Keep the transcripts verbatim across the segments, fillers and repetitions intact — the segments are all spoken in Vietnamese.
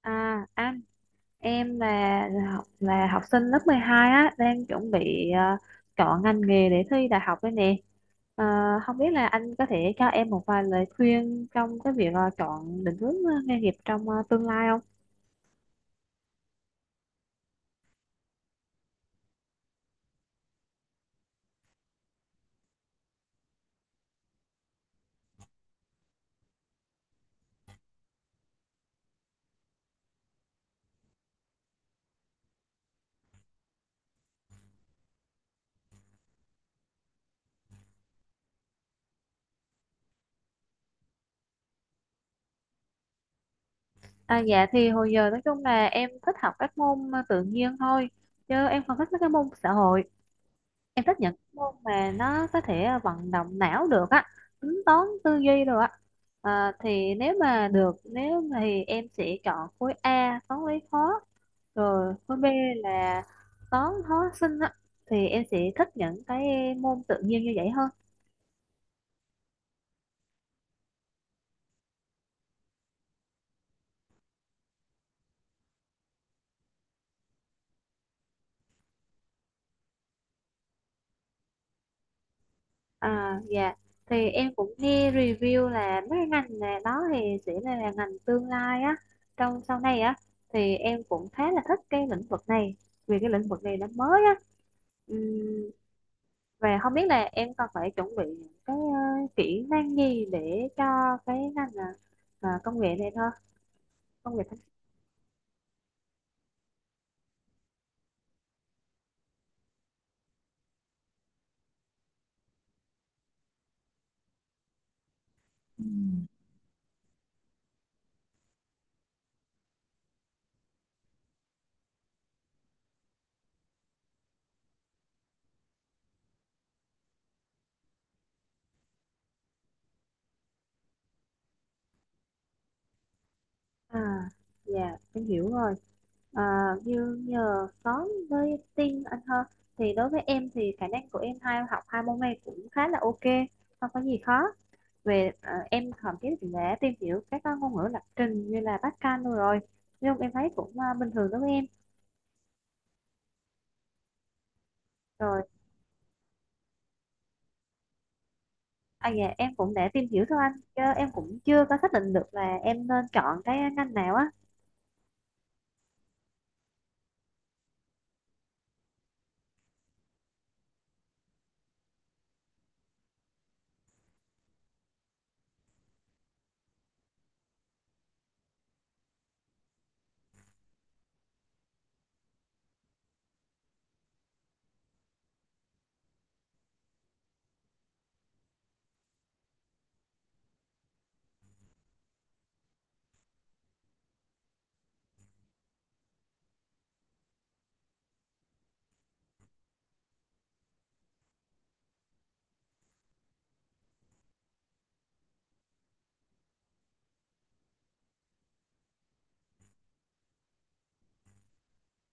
À, anh em là là học là học sinh lớp mười hai á, đang chuẩn bị ờ, chọn ngành nghề để thi đại học đây nè. Ờ, Không biết là anh có thể cho em một vài lời khuyên trong cái việc ờ, chọn định hướng ờ, nghề nghiệp trong ờ, tương lai không? À, dạ thì hồi giờ nói chung là em thích học các môn ờ, tự nhiên thôi, chứ em không thích mấy cái môn xã hội. Em thích những môn mà nó có thể ờ, vận động não được á, tính toán tư duy được á. Ờ, thì nếu mà được, nếu mà thì em sẽ chọn khối A toán lý khó, rồi khối B là toán hóa sinh á, thì em sẽ thích những cái môn tự nhiên như vậy hơn. À dạ, thì em cũng nghe review là mấy cái ngành này đó thì sẽ là là ngành tương lai á, trong sau này á, thì em cũng khá là thích cái lĩnh vực này, vì cái lĩnh vực này nó mới á. Ừm, Và không biết là em còn phải chuẩn bị những cái ờ, kỹ năng gì để cho cái ngành ờ, à, công nghệ này thôi, công nghệ thông. À, dạ, em hiểu rồi. À, như nhờ có với tin anh hơn, thì đối với em thì khả năng của em hai học hai môn này cũng khá là ok, không có gì khó. Về à, em thậm chí cũng đã tìm hiểu các ờ, ngôn ngữ lập trình như là Pascal luôn rồi. Nhưng em thấy cũng ờ, bình thường đối với em. Rồi à dạ, em cũng đã tìm hiểu thôi anh, chứ em cũng chưa có xác định được là em nên chọn cái ngành nào á.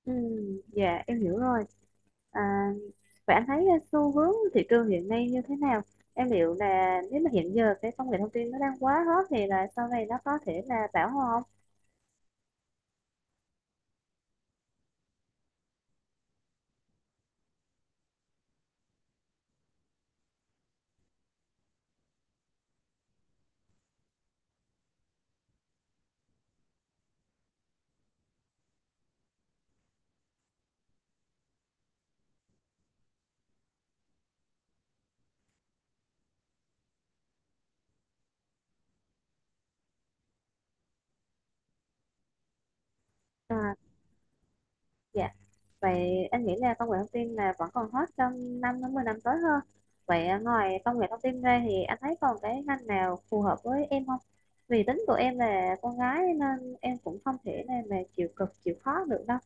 Ừ, dạ em hiểu rồi. À, vậy anh thấy xu hướng thị trường hiện nay như thế nào? Em liệu là nếu mà hiện giờ cái công nghệ thông tin nó đang quá hot thì là sau này nó có thể là bão hòa không? À, dạ. Vậy anh nghĩ là công nghệ thông tin là vẫn còn hot trong năm đến mười năm tới hơn. Vậy à, ngoài công nghệ thông tin ra thì anh thấy còn cái ngành nào phù hợp với em không? Vì tính của em là con gái nên em cũng không thể nào mà chịu cực chịu khó được đâu.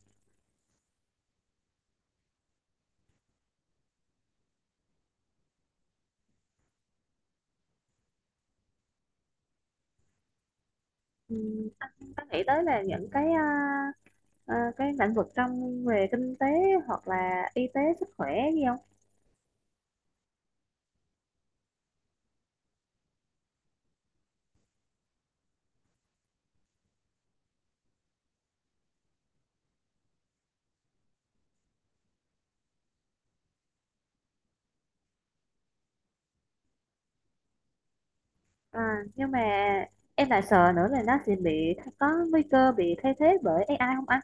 Ừm, anh có nghĩ tới là những cái à, à, cái lĩnh vực trong về kinh tế hoặc là y tế sức khỏe gì không? À, nhưng mà em lại sợ nữa là nó sẽ bị có nguy cơ bị thay thế bởi a i không anh?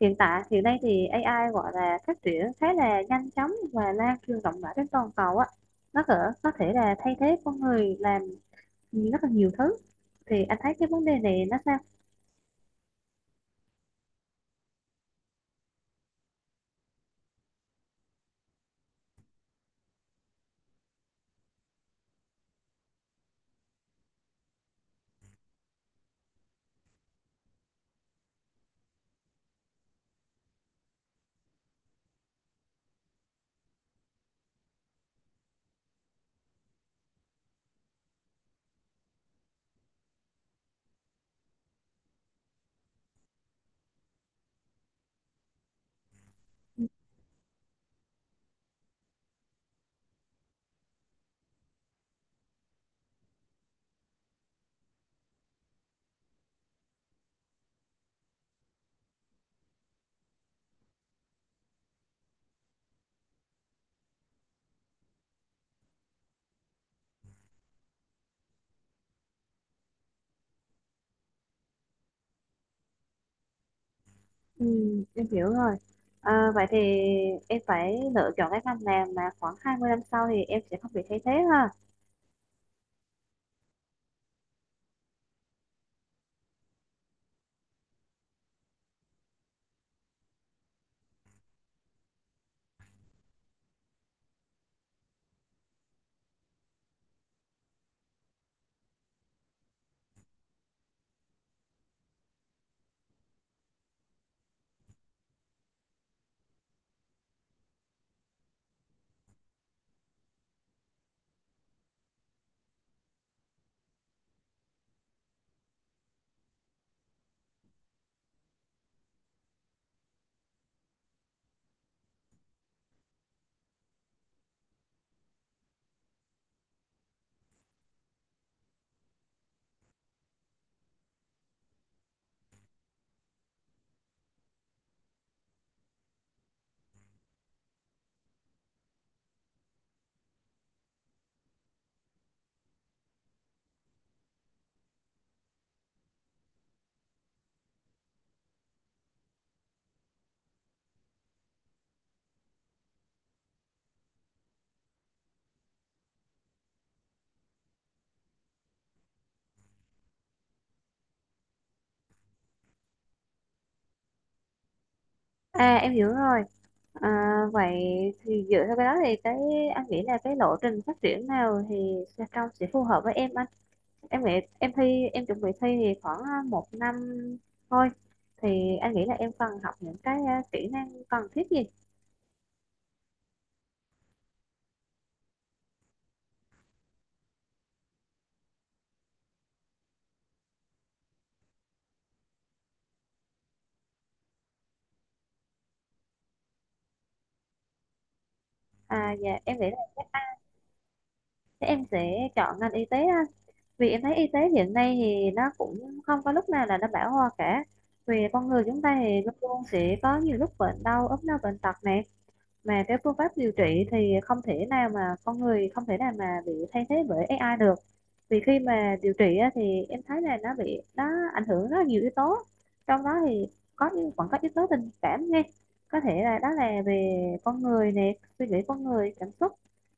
Hiện tại hiện nay thì a i gọi là phát triển khá là nhanh chóng và lan truyền rộng rãi trên toàn cầu á. Nó có có thể là thay thế con người làm rất là nhiều thứ. Thì anh thấy cái vấn đề này nó sao? Ừ, em hiểu rồi. À, vậy thì em phải lựa chọn cái ngành làm mà khoảng hai mươi năm sau thì em sẽ không bị thay thế ha. À em hiểu rồi. À, vậy thì dựa theo cái đó thì cái anh nghĩ là cái lộ trình phát triển nào thì Trà Trong sẽ phù hợp với em anh, em nghĩ em thi, em chuẩn bị thi thì khoảng à, một năm thôi, thì anh nghĩ là em cần học những cái à, kỹ năng cần thiết gì. À dạ, em nghĩ là chắc em sẽ chọn ngành y tế anh, vì em thấy y tế hiện nay thì nó cũng không có lúc nào là nó bão hòa cả, vì con người chúng ta thì luôn luôn sẽ có nhiều lúc bệnh đau ốm đau bệnh tật nè, mà cái phương pháp điều trị thì không thể nào mà con người không thể nào mà bị thay thế bởi a i được. Vì khi mà điều trị á, thì em thấy là nó bị nó ảnh hưởng rất là nhiều yếu tố, trong đó thì có những vẫn có yếu tố tình cảm nghe, có thể là đó là về con người nè, suy nghĩ con người, cảm xúc,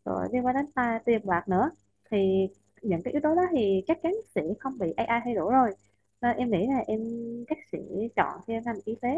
rồi liên quan đến ta tiền bạc nữa. Thì những cái yếu tố đó thì chắc chắn sẽ không bị a i thay đổi rồi, nên em nghĩ là em chắc sẽ chọn theo ngành y tế.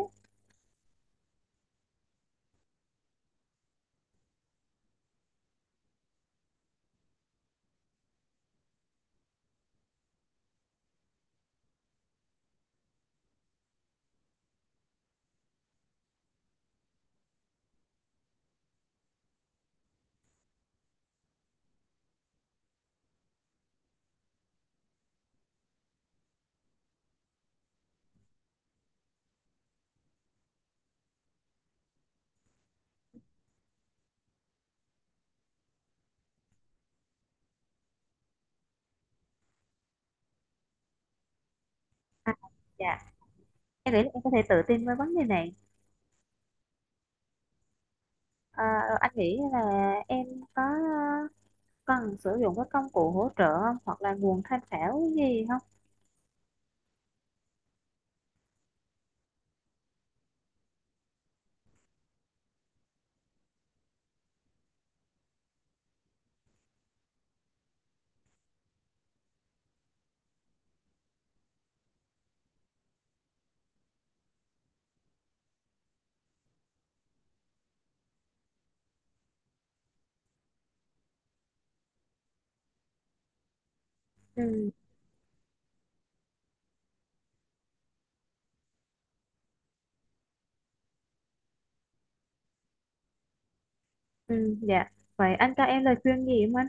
À, dạ em nghĩ là em có thể tự tin với vấn đề này. Ờ, anh nghĩ là em có ờ, cần sử dụng các công cụ hỗ trợ không, hoặc là nguồn tham khảo gì không? Ừ, ừ, dạ. Vậy anh cho em lời khuyên gì không anh?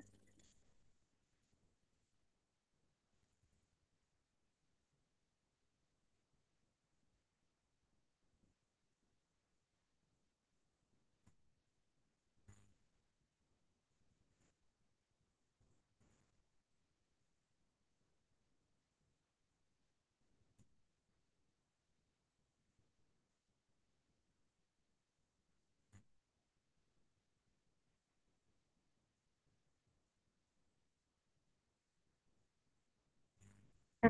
À,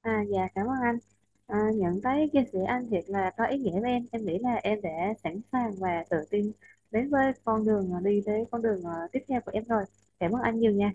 à, dạ cảm ơn anh. À, nhận thấy chia sẻ anh thiệt là có ý nghĩa với em. Em nghĩ là em đã sẵn sàng và tự tin đến với con đường, đi tới con đường ờ, tiếp theo của em rồi. Cảm ơn anh nhiều nha.